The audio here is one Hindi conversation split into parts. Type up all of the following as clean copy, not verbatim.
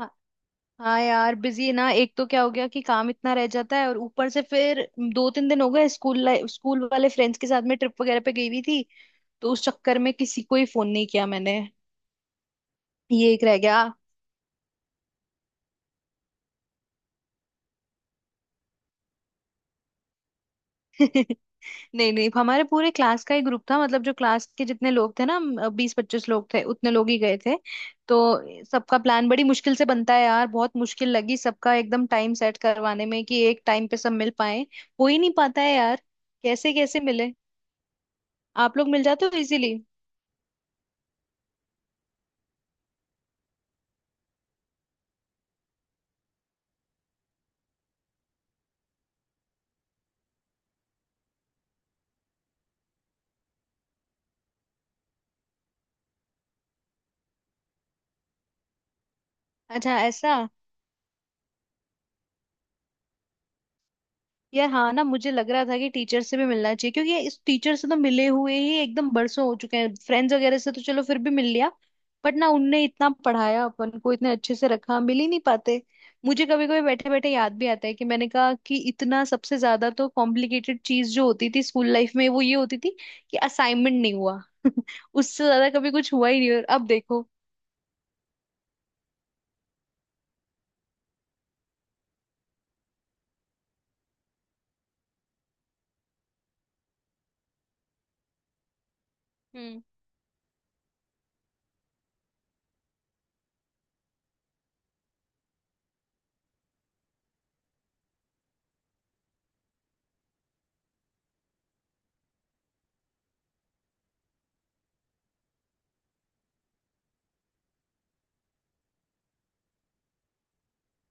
हाँ, हाँ, यार बिजी ना। एक तो क्या हो गया कि काम इतना रह जाता है और ऊपर से फिर दो तीन दिन हो गए स्कूल लाइफ स्कूल वाले फ्रेंड्स के साथ में ट्रिप वगैरह पे गई हुई थी। तो उस चक्कर में किसी को ही फोन नहीं किया मैंने। ये एक रह गया। नहीं, नहीं, हमारे पूरे क्लास का ही ग्रुप था। मतलब जो क्लास के जितने लोग थे ना 20-25 लोग थे, उतने लोग ही गए थे। तो सबका प्लान बड़ी मुश्किल से बनता है यार। बहुत मुश्किल लगी सबका एकदम टाइम सेट करवाने में कि एक टाइम पे सब मिल पाए। हो ही नहीं पाता है यार। कैसे कैसे मिले आप लोग? मिल जाते हो इजीली। अच्छा, ऐसा। यार हाँ ना, मुझे लग रहा था कि टीचर से भी मिलना चाहिए क्योंकि ये इस टीचर से तो मिले हुए ही एकदम बरसों हो चुके हैं। फ्रेंड्स वगैरह से तो चलो फिर भी मिल लिया। बट ना उनने इतना पढ़ाया अपन को, इतने अच्छे से रखा, मिल ही नहीं पाते। मुझे कभी कभी बैठे बैठे याद भी आता है कि मैंने कहा कि इतना सबसे ज्यादा तो कॉम्प्लिकेटेड चीज जो होती थी स्कूल लाइफ में वो ये होती थी कि असाइनमेंट नहीं हुआ। उससे ज्यादा कभी कुछ हुआ ही नहीं, और अब देखो। हम्म।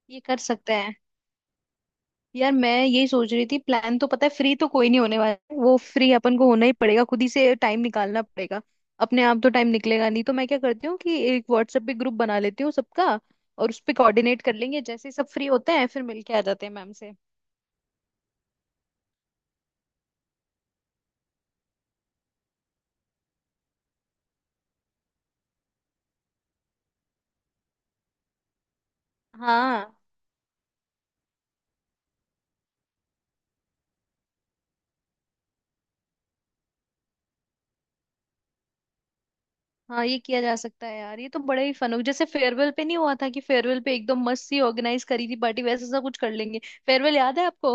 ये कर सकते। यार मैं यही सोच रही थी, प्लान तो पता है फ्री तो कोई नहीं होने वाला है। वो फ्री अपन को होना ही पड़ेगा, खुद ही से टाइम निकालना पड़ेगा। अपने आप तो टाइम निकलेगा नहीं। तो मैं क्या करती हूँ कि एक व्हाट्सएप पे ग्रुप बना लेती हूँ सबका, और उस पे कोऑर्डिनेट कर लेंगे। जैसे ही सब फ्री होते हैं फिर मिलके आ जाते हैं मैम से। हाँ। हाँ, ये किया जा सकता है यार। ये तो बड़ा ही फन हो। जैसे फेयरवेल पे नहीं हुआ था कि फेयरवेल पे एकदम मस्त सी ऑर्गेनाइज करी थी पार्टी, वैसा सा कुछ कर लेंगे। फेयरवेल याद है आपको?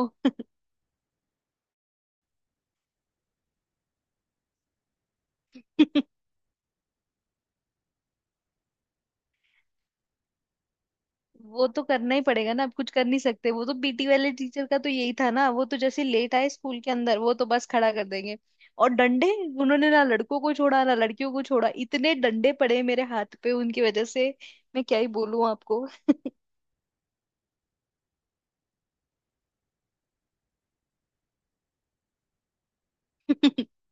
वो तो करना ही पड़ेगा ना। अब कुछ कर नहीं सकते। वो तो पीटी वाले टीचर का तो यही था ना, वो तो जैसे लेट आए स्कूल के अंदर वो तो बस खड़ा कर देंगे और डंडे। उन्होंने ना लड़कों को छोड़ा ना लड़कियों को छोड़ा, इतने डंडे पड़े मेरे हाथ पे उनकी वजह से। मैं क्या ही बोलूं आपको।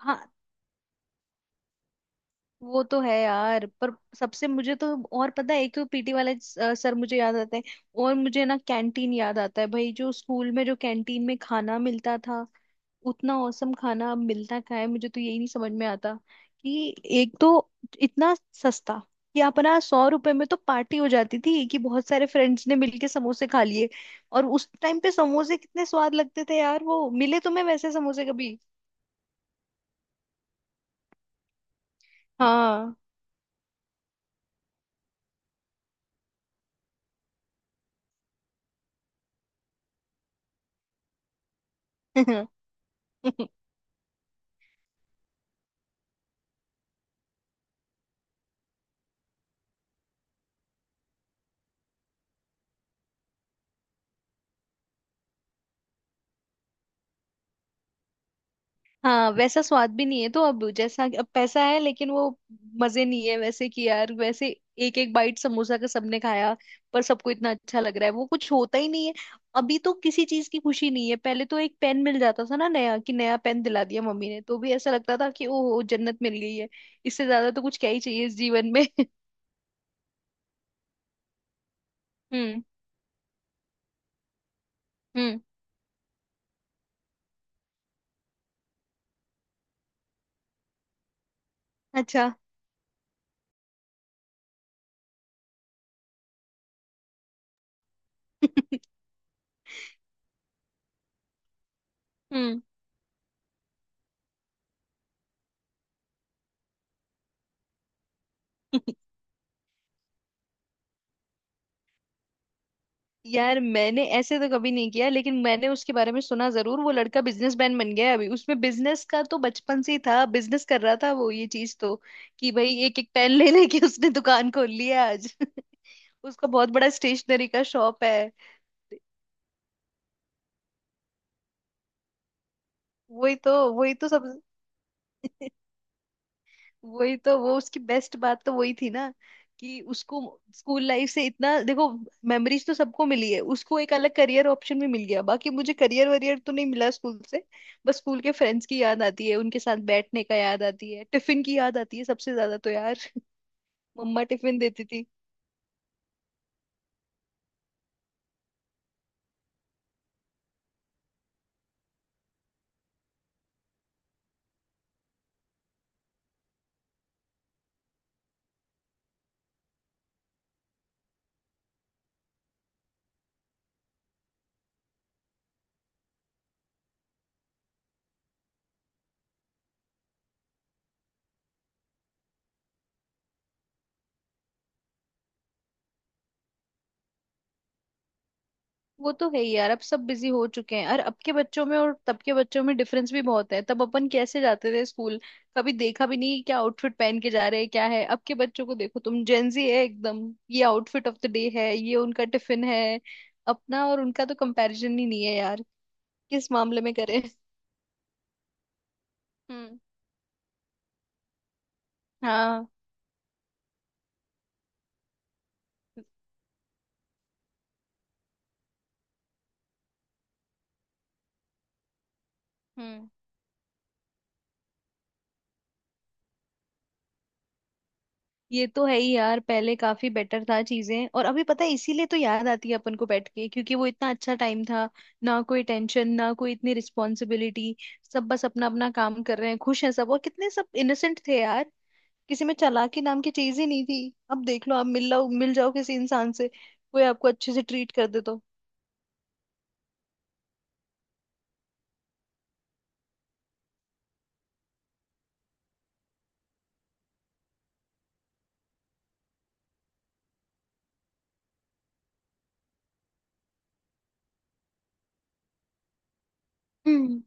हाँ। वो तो है यार। पर सबसे मुझे तो, और पता है, एक तो पीटी वाला सर मुझे याद आता है। और मुझे ना कैंटीन याद आता है भाई। जो स्कूल में जो कैंटीन में खाना मिलता था, उतना औसम खाना अब मिलता कहाँ है? मुझे तो यही नहीं समझ में आता कि एक तो इतना सस्ता कि अपना 100 रुपए में तो पार्टी हो जाती थी कि बहुत सारे फ्रेंड्स ने मिलके समोसे खा लिए। और उस टाइम पे समोसे कितने स्वाद लगते थे यार। वो मिले तुम्हें वैसे समोसे कभी? हाँ। हाँ, वैसा स्वाद भी नहीं है। तो अब जैसा अब पैसा है लेकिन वो मजे नहीं है वैसे। कि यार वैसे एक एक बाइट समोसा का सबने खाया पर सबको इतना अच्छा लग रहा है। वो कुछ होता ही नहीं है अभी तो। किसी चीज की खुशी नहीं है। पहले तो एक पेन मिल जाता था ना नया, कि नया पेन दिला दिया मम्मी ने तो भी ऐसा लगता था कि ओहो जन्नत मिल गई है। इससे ज्यादा तो कुछ क्या ही चाहिए इस जीवन में। हम्म। हम्म। अच्छा। हम्म। यार मैंने ऐसे तो कभी नहीं किया, लेकिन मैंने उसके बारे में सुना जरूर। वो लड़का बिजनेसमैन बन गया है अभी। उसमें बिजनेस का तो बचपन से ही था, बिजनेस कर रहा था वो। ये चीज तो, कि भाई एक एक पेन ले लेके उसने दुकान खोल ली है आज। उसका बहुत बड़ा स्टेशनरी का शॉप है। वही तो वही तो सब वही तो वो उसकी बेस्ट बात तो वही थी ना कि उसको स्कूल लाइफ से इतना देखो मेमोरीज तो सबको मिली है, उसको एक अलग करियर ऑप्शन भी मिल गया। बाकी मुझे करियर वरियर तो नहीं मिला स्कूल से। बस स्कूल के फ्रेंड्स की याद आती है, उनके साथ बैठने का याद आती है, टिफिन की याद आती है सबसे ज्यादा तो यार। मम्मा टिफिन देती थी। वो तो है ही यार। अब सब बिजी हो चुके हैं। और अब के बच्चों में और तब के बच्चों में डिफरेंस भी बहुत है। तब अपन कैसे जाते थे स्कूल, कभी देखा भी नहीं क्या आउटफिट पहन के जा रहे हैं क्या है। अब के बच्चों को देखो, तुम जेंजी है एकदम। ये आउटफिट ऑफ द डे है, ये उनका टिफिन है। अपना और उनका तो कंपैरिजन ही नहीं है यार। किस मामले में करें? हम्म। हाँ। हम्म। ये तो है ही यार। पहले काफी बेटर था चीजें। और अभी पता है इसीलिए तो याद आती है अपन को बैठ के, क्योंकि वो इतना अच्छा टाइम था, ना कोई टेंशन, ना कोई इतनी रिस्पॉन्सिबिलिटी। सब बस अपना अपना काम कर रहे हैं, खुश हैं सब। और कितने सब इनोसेंट थे यार, किसी में चालाकी नाम की चीज ही नहीं थी। अब देख लो आप, मिल लो मिल जाओ किसी इंसान से, कोई आपको अच्छे से ट्रीट कर दे तो। हम्म।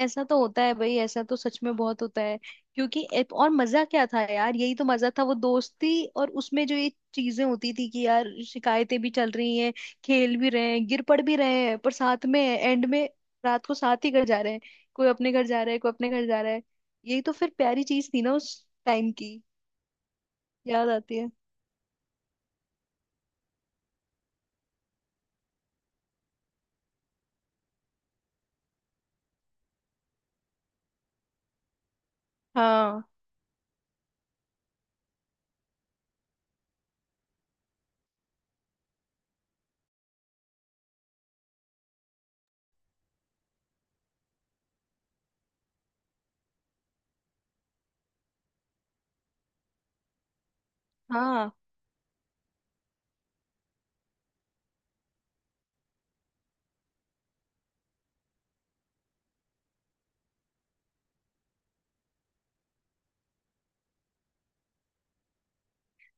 ऐसा तो होता है भाई, ऐसा तो सच में बहुत होता है। क्योंकि और मजा क्या था यार, यही तो मजा था वो दोस्ती। और उसमें जो ये चीजें होती थी कि यार शिकायतें भी चल रही हैं, खेल भी रहे हैं, गिर पड़ भी रहे हैं, पर साथ में एंड में रात को साथ ही घर जा रहे हैं। कोई अपने घर जा रहा है, कोई अपने घर जा रहा है। यही तो फिर प्यारी चीज थी ना उस टाइम की। याद आती है। हाँ। हाँ।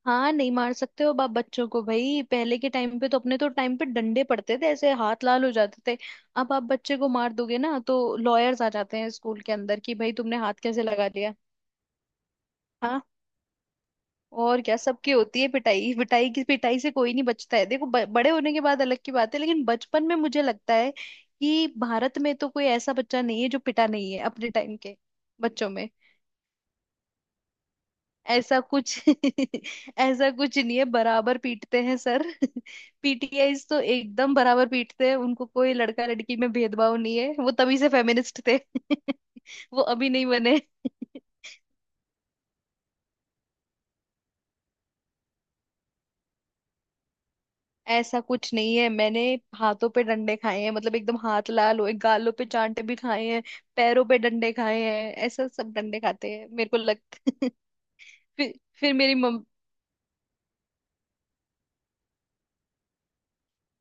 हाँ, नहीं मार सकते हो बाप बच्चों को भाई। पहले के टाइम पे तो अपने तो टाइम पे डंडे पड़ते थे, ऐसे हाथ लाल हो जाते थे। अब आप बच्चे को मार दोगे ना तो लॉयर्स आ जाते हैं स्कूल के अंदर कि भाई तुमने हाथ कैसे लगा लिया। हाँ। और क्या, सबकी होती है पिटाई। पिटाई की पिटाई से कोई नहीं बचता है। देखो बड़े होने के बाद अलग की बात है, लेकिन बचपन में मुझे लगता है कि भारत में तो कोई ऐसा बच्चा नहीं है जो पिटा नहीं है अपने टाइम के बच्चों में। ऐसा कुछ ऐसा कुछ नहीं है, बराबर पीटते हैं सर। पीटीआईज तो एकदम बराबर पीटते हैं, उनको कोई लड़का लड़की में भेदभाव नहीं है। वो तभी से फेमिनिस्ट थे। वो अभी नहीं बने। ऐसा कुछ नहीं है। मैंने हाथों पे डंडे खाए हैं मतलब एकदम हाथ लाल हुए, गालों पे चांटे भी खाए हैं, पैरों पे डंडे खाए हैं। ऐसा सब डंडे खाते हैं मेरे को लग। फिर फिर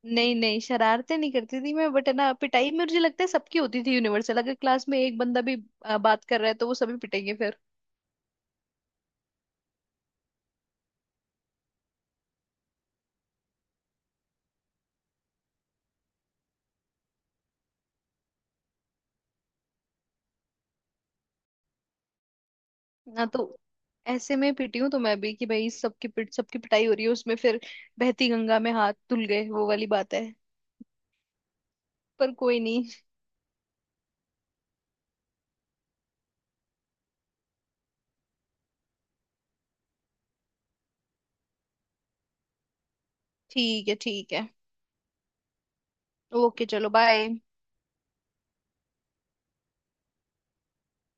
नहीं, नहीं, शरारतें नहीं करती थी मैं। बट है ना, पिटाई मुझे लगता है सबकी होती थी यूनिवर्सल। अगर क्लास में एक बंदा भी बात कर रहा है तो वो सभी पिटेंगे फिर। ना तो ऐसे में पिटी हूँ तो मैं भी कि भाई सबकी पिटाई हो रही है उसमें फिर बहती गंगा में हाथ धुल गए वो वाली बात है। पर कोई नहीं। ठीक है, ठीक है। ओके, चलो, बाय।